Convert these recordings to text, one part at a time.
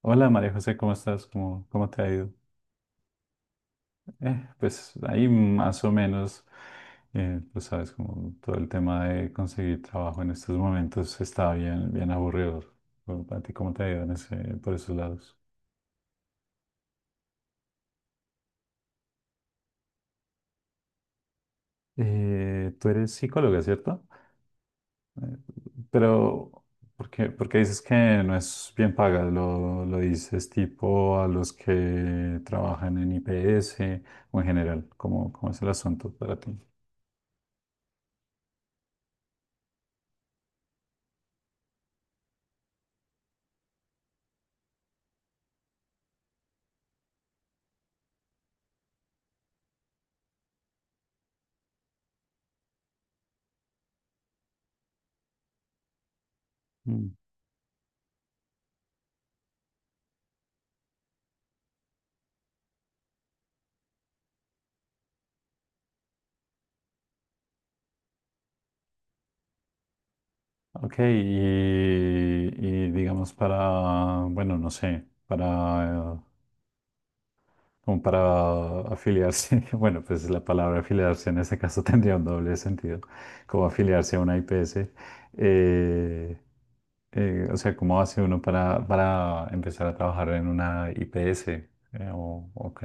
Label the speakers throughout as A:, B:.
A: Hola María José, ¿cómo estás? ¿Cómo te ha ido? Pues ahí más o menos, pues sabes, como todo el tema de conseguir trabajo en estos momentos está bien, bien aburrido. Bueno, ¿a ti cómo te ha ido en por esos lados? Tú eres psicóloga, ¿cierto? Eh, pero, ¿por qué dices que no es bien paga? ¿Lo dices tipo a los que trabajan en IPS o en general? ¿Cómo es el asunto para ti? Ok, y digamos para, bueno, no sé, para, como para afiliarse, bueno, pues la palabra afiliarse en este caso tendría un doble sentido, como afiliarse a una IPS. eh, o sea, ¿cómo hace uno para empezar a trabajar en una IPS? Ok,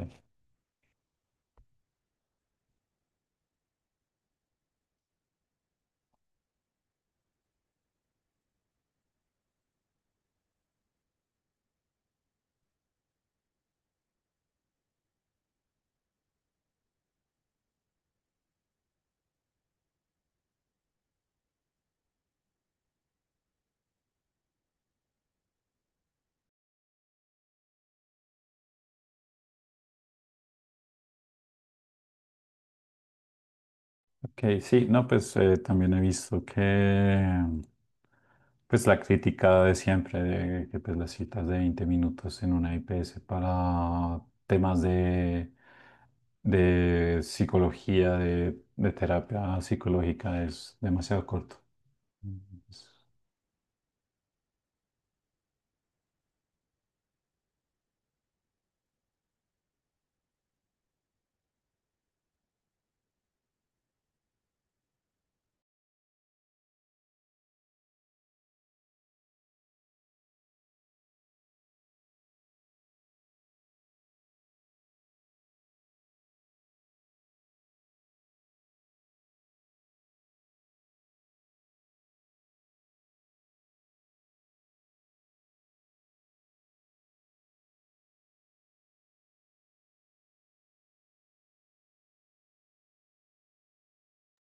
A: ok, sí, no, pues también he visto que. Pues la crítica de siempre, de que pues las citas de 20 minutos en una IPS para temas de psicología, de terapia psicológica es demasiado corto. Es-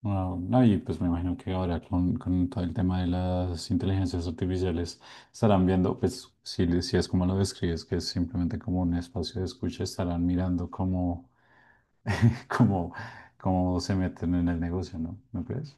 A: No, no, y pues me imagino que ahora con todo el tema de las inteligencias artificiales estarán viendo, pues si es como lo describes, que es simplemente como un espacio de escucha, estarán mirando cómo, cómo, cómo se meten en el negocio, ¿no? ¿No crees?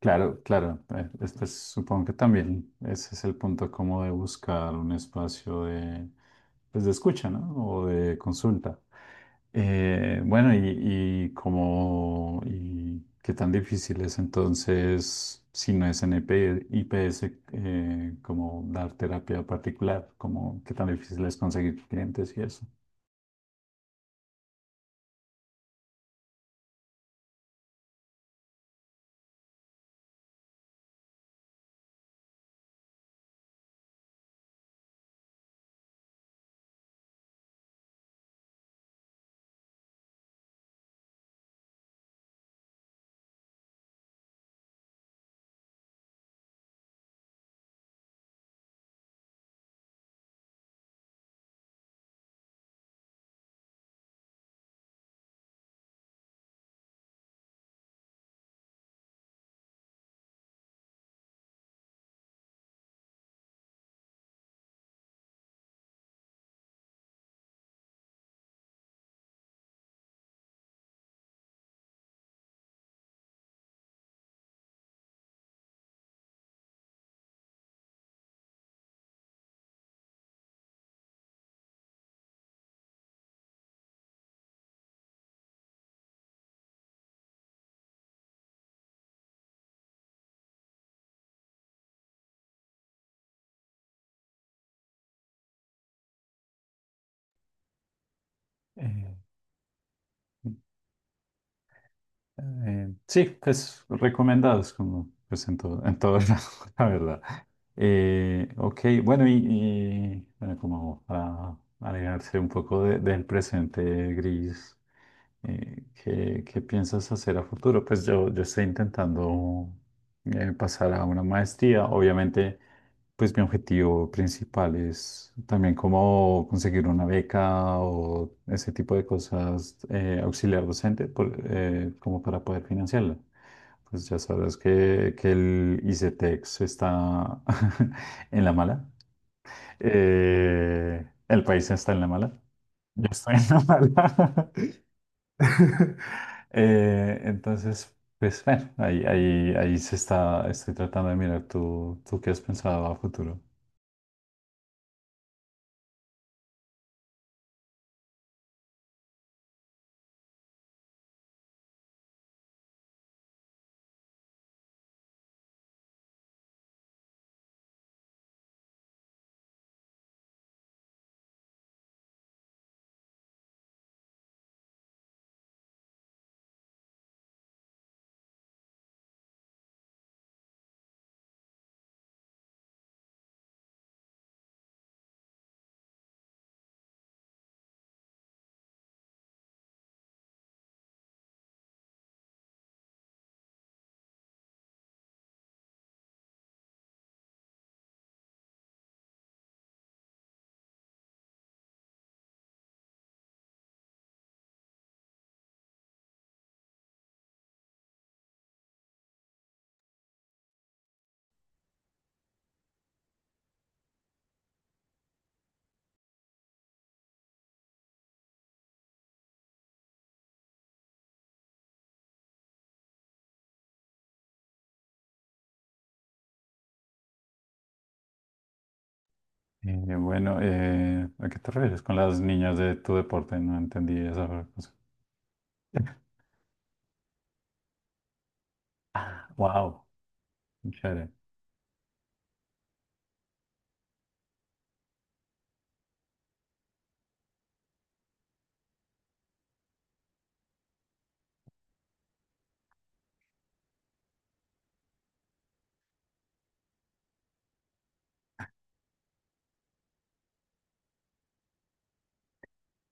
A: Claro, claro. Este pues, supongo que también ese es el punto como de buscar un espacio de, pues, de escucha, ¿no? O de consulta. Bueno, y como, y qué tan difícil es entonces, si no es en IP IPS, como dar terapia particular, como qué tan difícil es conseguir clientes y eso. Eh, sí, pues recomendados como pues en todo lado, la verdad. Ok, bueno, bueno, como para alejarse un poco del presente gris, ¿qué piensas hacer a futuro? Pues yo estoy intentando pasar a una maestría, obviamente pues mi objetivo principal es también como conseguir una beca o ese tipo de cosas, auxiliar docente, como para poder financiarla. Pues ya sabes que el ICETEX está en la mala. El país está en la mala. Yo estoy en la mala. Entonces, pues bueno, estoy tratando de mirar tú qué has pensado a futuro. Bueno, ¿A qué te refieres con las niñas de tu deporte? No entendí esa cosa. Wow, chévere.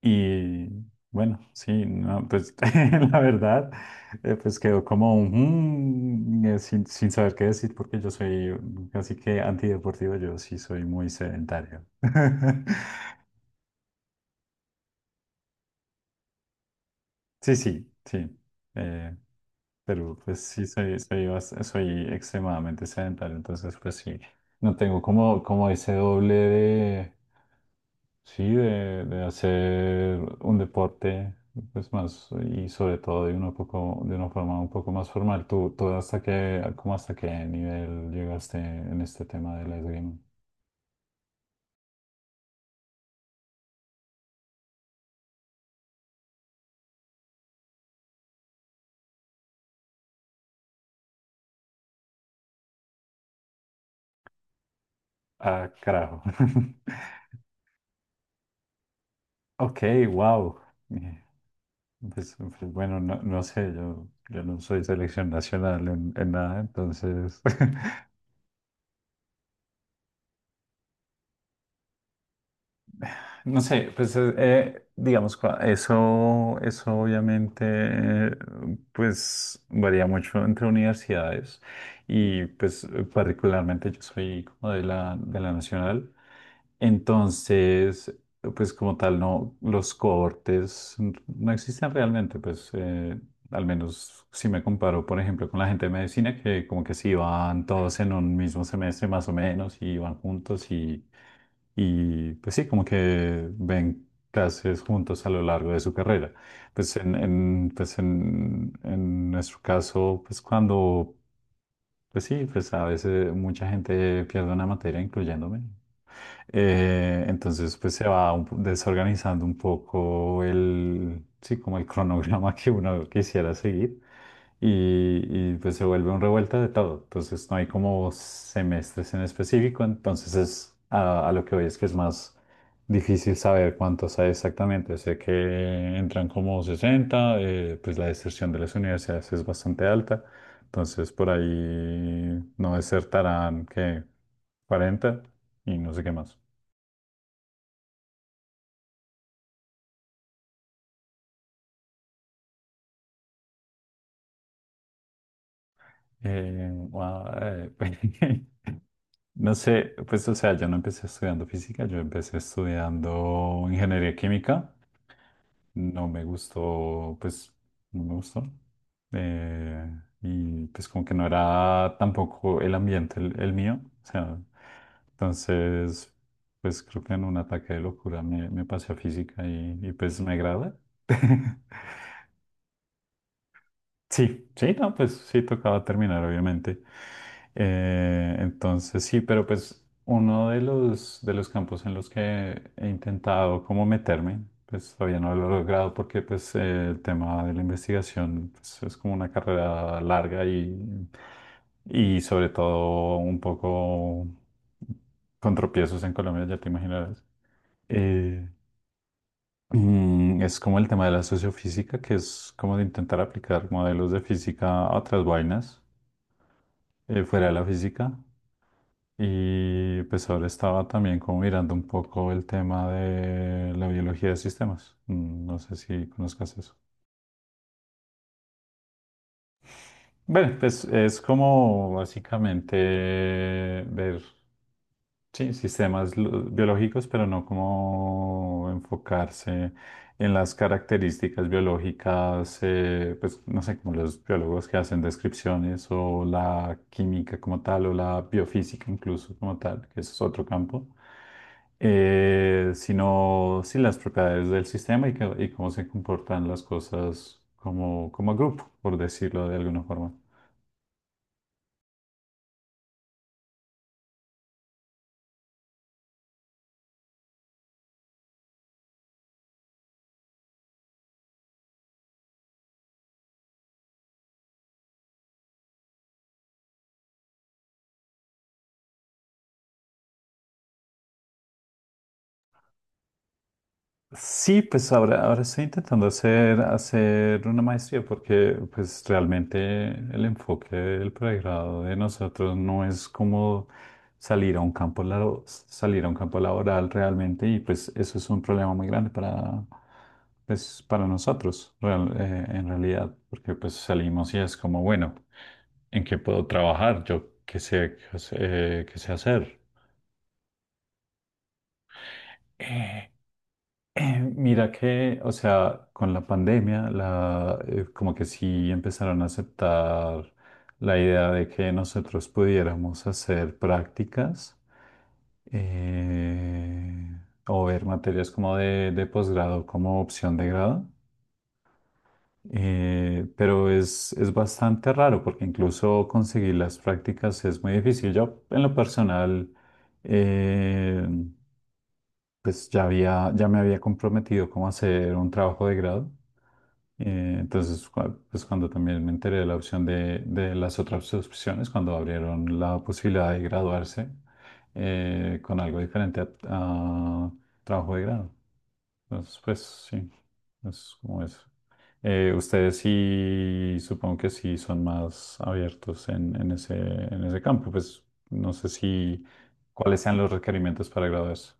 A: Y bueno, sí, no, pues la verdad, pues quedó como un, mm, sin, sin saber qué decir, porque yo soy casi que antideportivo, yo sí soy muy sedentario. Sí, sí, sí. Eh, Pero pues sí, soy extremadamente sedentario, entonces pues sí, no tengo como, como ese doble de, sí, de hacer un deporte, pues más, y sobre todo de una forma un poco más formal. ¿Tú hasta qué, como hasta qué nivel llegaste en este tema de la esgrima? Ah, carajo. Ok, wow. Bueno, no, no sé, yo no soy selección nacional en nada, entonces No sé, pues digamos, eso obviamente pues varía mucho entre universidades y pues particularmente yo soy como de la nacional, entonces pues como tal no, los cohortes no existen realmente, pues al menos si me comparo, por ejemplo, con la gente de medicina, que como que sí van todos en un mismo semestre más o menos y van juntos y pues sí, como que ven clases juntos a lo largo de su carrera. Pues en nuestro caso, pues cuando, pues sí, pues a veces mucha gente pierde una materia, incluyéndome, entonces, pues se va desorganizando un poco el, sí, como el cronograma que uno quisiera seguir pues se vuelve un revuelta de todo. Entonces, no hay como semestres en específico. Entonces, es a lo que voy es que es más difícil saber cuántos hay exactamente. Sé que entran como 60 pues la deserción de las universidades es bastante alta. Entonces, por ahí no desertarán que 40 y no sé qué más. Guau, pues, no sé, pues o sea, yo no empecé estudiando física, yo empecé estudiando ingeniería química, no me gustó, pues no me gustó, eh, y pues como que no era tampoco el ambiente el mío, o sea, entonces, pues creo que en un ataque de locura me pasé a física y pues me agrada. Sí, sí, no, pues sí tocaba terminar, obviamente. Entonces sí, pero pues uno de los campos en los que he intentado como meterme, pues todavía no lo he logrado porque pues el tema de la investigación pues, es como una carrera larga y sobre todo un poco con tropiezos en Colombia, ya te imaginarás. Eh, Es como el tema de la sociofísica, que es como de intentar aplicar modelos de física a otras vainas fuera de la física. Y pues ahora estaba también como mirando un poco el tema de la biología de sistemas. No sé si conozcas eso. Bueno, pues es como básicamente ver sí, sistemas biológicos, pero no como enfocarse en las características biológicas, pues no sé, como los biólogos que hacen descripciones o la química como tal o la biofísica incluso como tal, que eso es otro campo, sino sí las propiedades del sistema y, y cómo se comportan las cosas como, como grupo, por decirlo de alguna forma. Sí, pues ahora estoy intentando hacer una maestría porque pues realmente el enfoque del pregrado de nosotros no es como salir a un salir a un campo laboral realmente y pues eso es un problema muy grande para, pues, para nosotros en realidad porque pues salimos y es como bueno, ¿en qué puedo trabajar? Yo qué sé hacer. Eh, Mira que, o sea, con la pandemia, como que sí empezaron a aceptar la idea de que nosotros pudiéramos hacer prácticas eh, o ver materias como de posgrado como opción de grado. Pero es bastante raro porque incluso conseguir las prácticas es muy difícil. Yo, en lo personal, eh, pues ya me había comprometido como a hacer un trabajo de grado. Entonces, pues cuando también me enteré de la opción de las otras opciones, cuando abrieron la posibilidad de graduarse con algo diferente a trabajo de grado. Entonces, pues sí, es como eso. Ustedes sí, supongo que sí son más abiertos en ese campo. Pues no sé si cuáles sean los requerimientos para graduarse.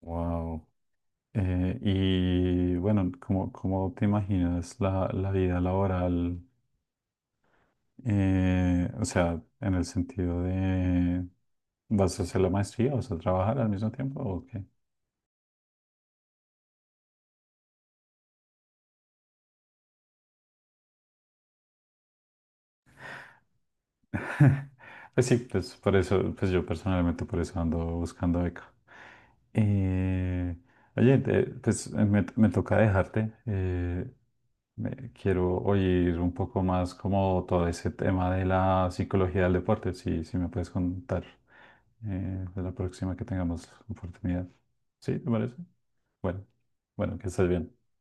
A: Wow. Y bueno, ¿cómo te imaginas la vida laboral? O sea, en el sentido de, ¿vas a hacer la maestría? ¿Vas a trabajar al mismo tiempo o qué? Pues sí, pues por eso, pues yo personalmente por eso ando buscando beca. Eh, Oye, me toca dejarte. Quiero oír un poco más como todo ese tema de la psicología del deporte, si me puedes contar, de la próxima que tengamos oportunidad. ¿Sí? ¿Te parece? Bueno, bueno, que estés bien.